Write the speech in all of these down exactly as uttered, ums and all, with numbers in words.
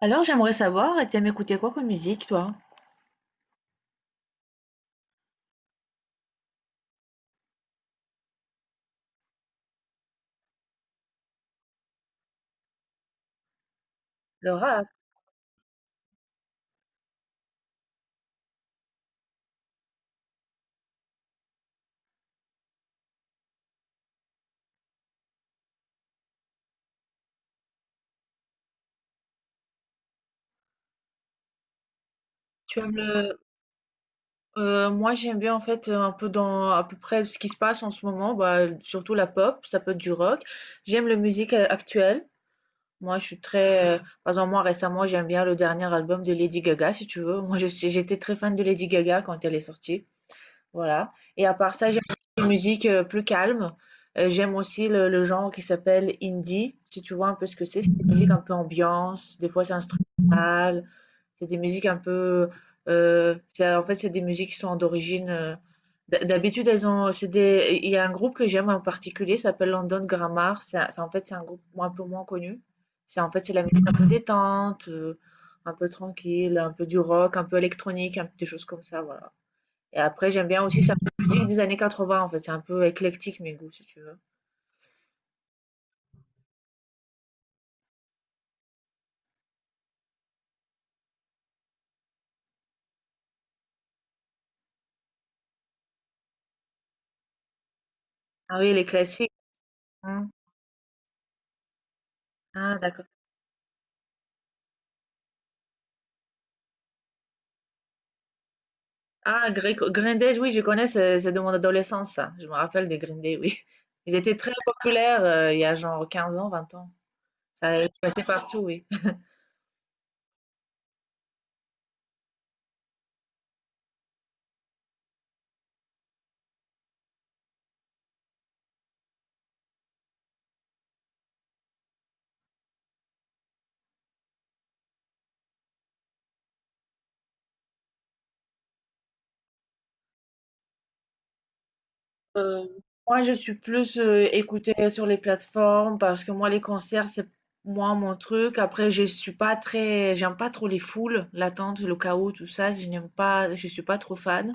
Alors, j'aimerais savoir, et t'aimes écouter quoi comme musique, toi? Le rap, tu aimes le... euh, moi j'aime bien en fait euh, un peu dans à peu près ce qui se passe en ce moment, bah, surtout la pop, ça peut être du rock. J'aime la musique euh, actuelle. Moi je suis très. Euh, par exemple moi récemment j'aime bien le dernier album de Lady Gaga si tu veux. Moi je suis- j'étais très fan de Lady Gaga quand elle est sortie. Voilà. Et à part ça j'aime aussi les musiques euh, plus calmes. Euh, j'aime aussi le, le genre qui s'appelle indie, si tu vois un peu ce que c'est. C'est une musique un peu ambiance, des fois c'est instrumental. C'est des musiques un peu, heu, c'est en fait, c'est des musiques qui sont d'origine, heu, d'ha d'habitude elles ont c'est des il y a un groupe que j'aime en particulier, ça s'appelle London Grammar. C'est un c'est en fait, c'est un groupe un peu moins connu. C'est en fait, c'est la musique un peu détente, heu, un peu tranquille, un peu du rock, un peu électronique, un peu des choses comme ça, voilà. Et après j'aime bien aussi certaines musiques des années quatre-vingts en fait, c'est un peu éclectique mes goûts si tu veux. Ah oui, les classiques. Mmh. Ah d'accord. Ah, Gré- Green Day, oui, je connais, c'est c'est de mon adolescence, ça. Je me rappelle des Green Day, oui. Ils étaient très populaires euh, il y a genre quinze ans, vingt ans. Ça passait partout, oui. Euh, Moi, je suis plus euh, écoutée sur les plateformes parce que moi, les concerts, c'est moins mon truc. Après, je suis pas très, j'aime pas trop les foules, l'attente, le chaos, tout ça. Je n'aime pas, je suis pas trop fan.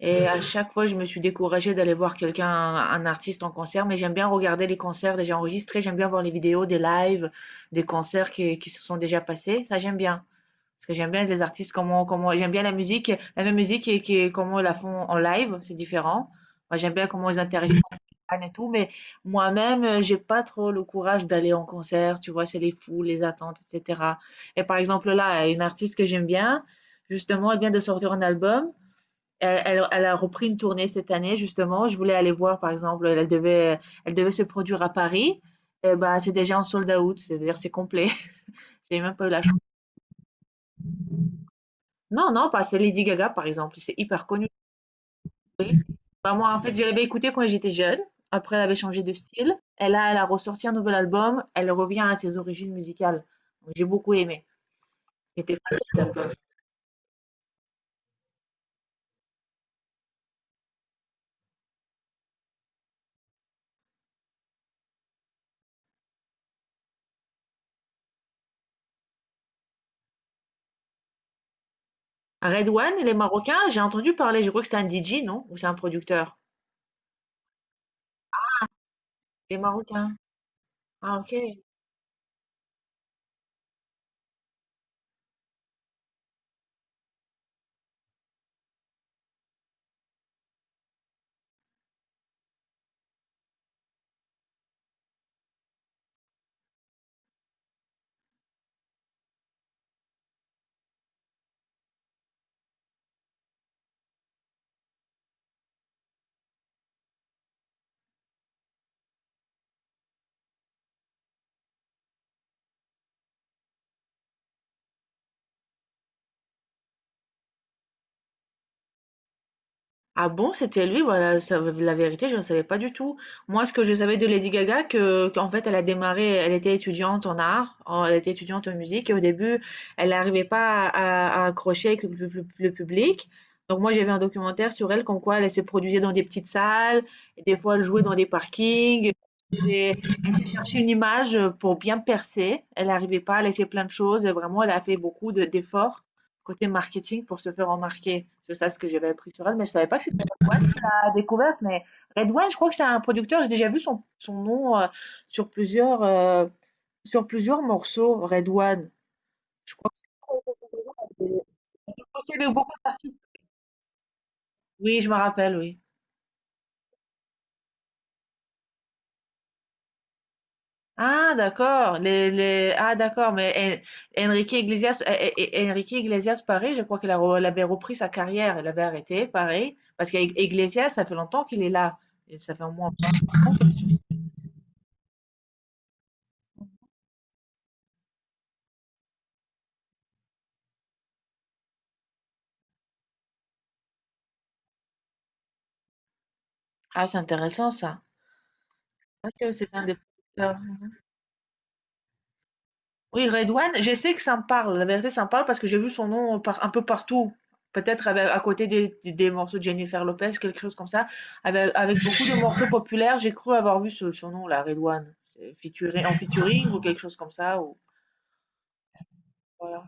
Et à chaque fois, je me suis découragée d'aller voir quelqu'un, un, un artiste en concert, mais j'aime bien regarder les concerts déjà enregistrés, j'aime bien voir les vidéos des lives, des concerts qui, qui se sont déjà passés, ça j'aime bien. Parce que j'aime bien les artistes, comment, comment, j'aime bien la musique, la même musique et, qui, comment ils la font en live, c'est différent. Moi, j'aime bien comment ils interagissent avec les fans et tout, mais moi-même, euh, j'ai pas trop le courage d'aller en concert, tu vois, c'est les foules, les attentes, et cetera. Et par exemple, là, une artiste que j'aime bien, justement, elle vient de sortir un album. Elle, elle- elle a repris une tournée cette année, justement. Je voulais aller voir, par exemple, elle devait, elle devait se produire à Paris. Eh ben, c'est déjà en sold out, c'est-à-dire c'est complet. J'ai même pas eu la chance. Non, non, pas, c'est Lady Gaga, par exemple. C'est hyper connu. Oui. Bah, moi, en fait, je l'avais écoutée quand j'étais jeune. Après, elle avait changé de style. Et là, elle a ressorti un nouvel album. Elle revient à ses origines musicales. Donc, J'ai beaucoup aimé. J'étais fan de cet album. À Red One, les Marocains, j'ai entendu parler, je crois que c'était un D J, non? Ou c'est un producteur? Les Marocains. Ah, ok. Ah bon, c'était lui? Voilà, ça- la vérité, je ne savais pas du tout. Moi, ce que je savais de Lady Gaga, que, qu'en fait, elle a démarré, elle était étudiante en art, en- elle était étudiante en musique, et au début, elle n'arrivait pas à, à- à accrocher avec le, pub- le- le public. Donc moi, j'avais un documentaire sur elle, comme quoi elle se produisait dans des petites salles, et des fois, elle jouait dans des parkings. Et elle s'est cherchée une image pour bien percer. Elle n'arrivait pas, elle a essayé plein de choses, et vraiment, elle a fait beaucoup de- d'efforts côté marketing pour se faire remarquer. C'est ça ce que j'avais appris sur elle, mais je ne savais pas que c'était Red One qui l'a découverte. Mais Red One, je crois que c'est un producteur. J'ai déjà vu son, son nom euh, sur, plusieurs, euh, sur plusieurs morceaux. Red One. Je crois que c'est le beaucoup d'artistes. Oui, je me rappelle, oui. Ah, d'accord. Les, les. Ah, d'accord. Mais En- Enrique Iglesias, eh, eh, eh, Enrique Iglesias, pareil, je crois qu'il a re- elle avait repris sa carrière. Elle avait arrêté, pareil. Parce qu'Iglesias, ça fait longtemps qu'il est là. Et ça fait au moins vingt-cinq ans. Ah, c'est intéressant ça. Ok, c'est un des producteurs. Oui, Redouane, je sais que ça me parle. La vérité, ça me parle parce que j'ai vu son nom par- un peu partout. Peut-être avec- à côté des, des- des morceaux de Jennifer Lopez, quelque chose comme ça. Avec, avec beaucoup de morceaux populaires, j'ai cru avoir vu ce, son nom là, Redouane. C'est featuré- en featuring ou quelque chose comme ça. Ou, voilà.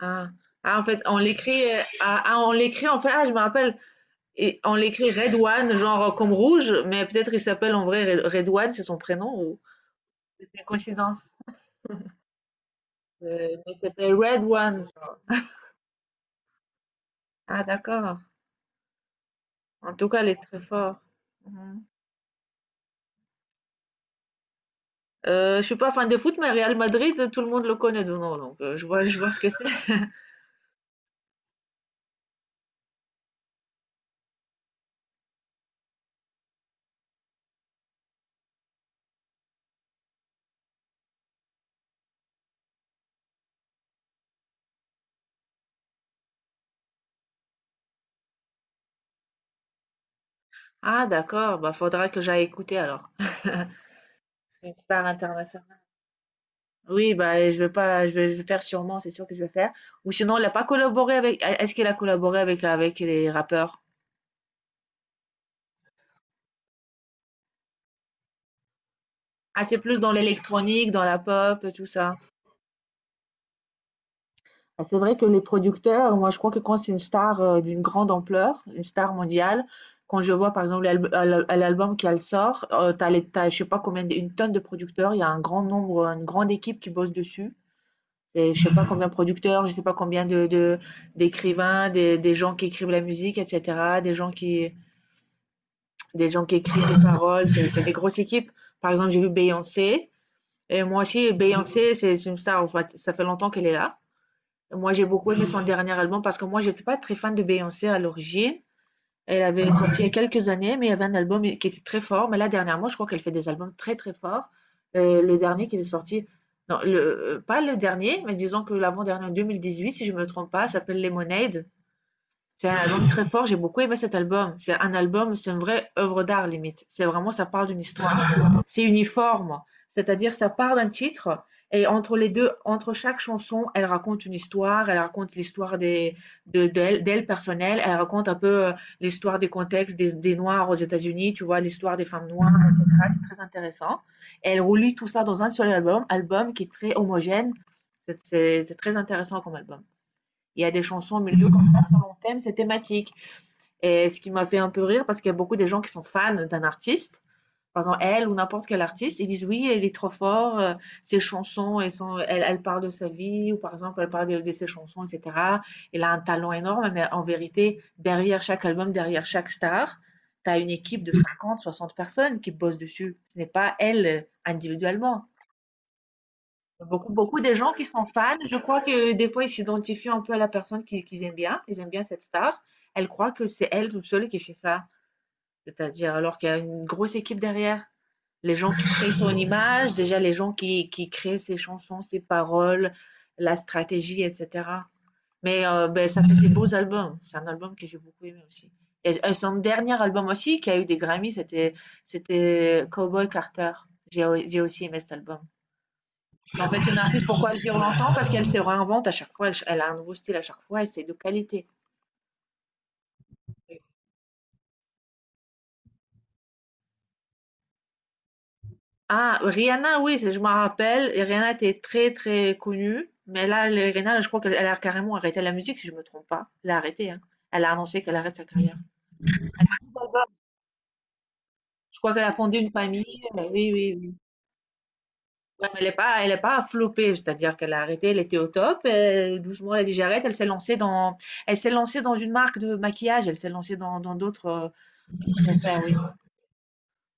Ah. Ah, en fait, on l'écrit, euh, ah, ah, on l'écrit, en fait, ah, je me rappelle, et on l'écrit Redouane, genre comme rouge, mais peut-être il s'appelle en vrai Red- Redouane, c'est son prénom, ou c'est une coïncidence. Heu, mais c'était Red One, genre. Ah d'accord. En tout cas, il est très fort. Mmh. Heu, je suis pas fan de foot, mais Real Madrid, tout le monde le connaît de nom, donc heu, je vois je vois ce que c'est. Ah d'accord, bah, faudra que j'aille écouter alors. Une star internationale. Oui, bah, je vais pas je vais je vais faire sûrement, c'est sûr que je vais faire ou sinon elle a pas collaboré avec est est-ce qu'elle a collaboré avec avec les rappeurs? Ah, c'est plus dans l'électronique, dans la pop, tout ça. Bah, c'est vrai que les producteurs, moi je crois que quand c'est une star euh, d'une grande ampleur, une star mondiale, quand je vois par exemple l'alb- l'al- l'album qu'elle sort, euh, t'as les, t'as, je sais pas combien, une tonne de producteurs, il y a un grand nombre, une grande équipe qui bosse dessus. Et je sais pas combien de producteurs, je sais pas combien de, de- d'écrivains, des, des gens qui écrivent la musique, et cetera, des gens qui, des gens qui écrivent les paroles, c'est, c'est des grosses équipes. Par exemple, j'ai vu Beyoncé, et moi aussi, Beyoncé, c'est, c'est une star, en fait, ça fait longtemps qu'elle est là. Moi, j'ai beaucoup aimé son Mhm. dernier album parce que moi, j'étais pas très fan de Beyoncé à l'origine. Elle avait sorti il y a quelques années, mais il y avait un album qui était très fort. Mais là, dernièrement, je crois qu'elle fait des albums très, très forts. Euh, le dernier qui est sorti, non, le, euh, pas le dernier, mais disons que l'avant-dernier en deux mille dix-huit, si je me trompe pas, s'appelle Lemonade. C'est un album très fort, j'ai beaucoup aimé cet album. C'est un album, c'est une vraie œuvre d'art limite. C'est vraiment, ça parle d'une histoire. C'est uniforme, c'est-à-dire ça part d'un titre et entre les deux, entre chaque chanson, elle raconte une histoire. Elle raconte l'histoire des de d'elle d'elle personnelle. Elle raconte un peu euh, l'histoire des contextes des, des noirs aux États-Unis. Tu vois l'histoire des femmes noires, et cetera. C'est très intéressant. Et elle relie tout ça dans un seul album, album qui est très homogène. C'est- C'est c'est très intéressant comme album. Il y a des chansons au milieu comme ça selon thème, c'est thématique. Et ce qui m'a fait un peu rire, parce qu'il y a beaucoup de gens qui sont fans d'un artiste, par exemple elle ou n'importe quel artiste, ils disent oui, elle est trop forte, euh, ses chansons, elles sont, elle, elle parle de sa vie, ou par exemple, elle parle de, de ses chansons, et cetera. Elle a un talent énorme, mais en vérité, derrière chaque album, derrière chaque star, tu as une équipe de cinquante, soixante personnes qui bossent dessus. Ce n'est pas elle euh, individuellement. Beaucoup, beaucoup de gens qui sont fans, je crois que des fois, ils s'identifient un peu à la personne qu'ils qu'ils aiment bien, ils aiment bien cette star. Elle croit que c'est elle toute seule qui fait ça. C'est-à-dire, alors qu'il y a une grosse équipe derrière, les gens qui créent son image, déjà les gens qui, qui créent ses chansons, ses paroles, la stratégie, et cetera. Mais euh, ben, ça fait des beaux albums. C'est un album que j'ai beaucoup aimé aussi. Et, et son dernier album aussi, qui a eu des Grammys, c'était, c'était Cowboy Carter. J'ai, j'ai aussi aimé cet album. En fait, c'est une artiste, pourquoi elle dure longtemps? Parce qu'elle se réinvente à chaque fois, elle, elle a un nouveau style à chaque fois, et c'est de qualité. Ah, Rihanna, oui, c'est- je m'en rappelle. Et Rihanna était très très connue, mais là, les- Rihanna, je crois qu'elle elle a carrément arrêté la musique, si je me trompe pas. Elle a arrêté, hein. Elle a annoncé qu'elle arrête sa carrière. Je crois qu'elle a fondé une famille. euh, Oui, oui, oui. Ouais, mais elle n'est pas, elle est pas flopée, c'est-à-dire qu'elle a arrêté, elle était au top. Et doucement, elle a dit j'arrête. Elle s'est lancée dans, elle s'est lancée dans une marque de maquillage. Elle s'est lancée dans dans d'autres euh, affaires, oui.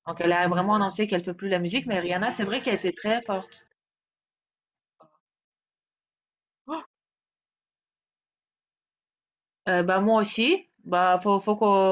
Donc elle a vraiment annoncé qu'elle fait plus la musique, mais Rihanna, c'est vrai qu'elle était très forte. Oh, Euh, bah moi aussi. Bah faut faut qu'on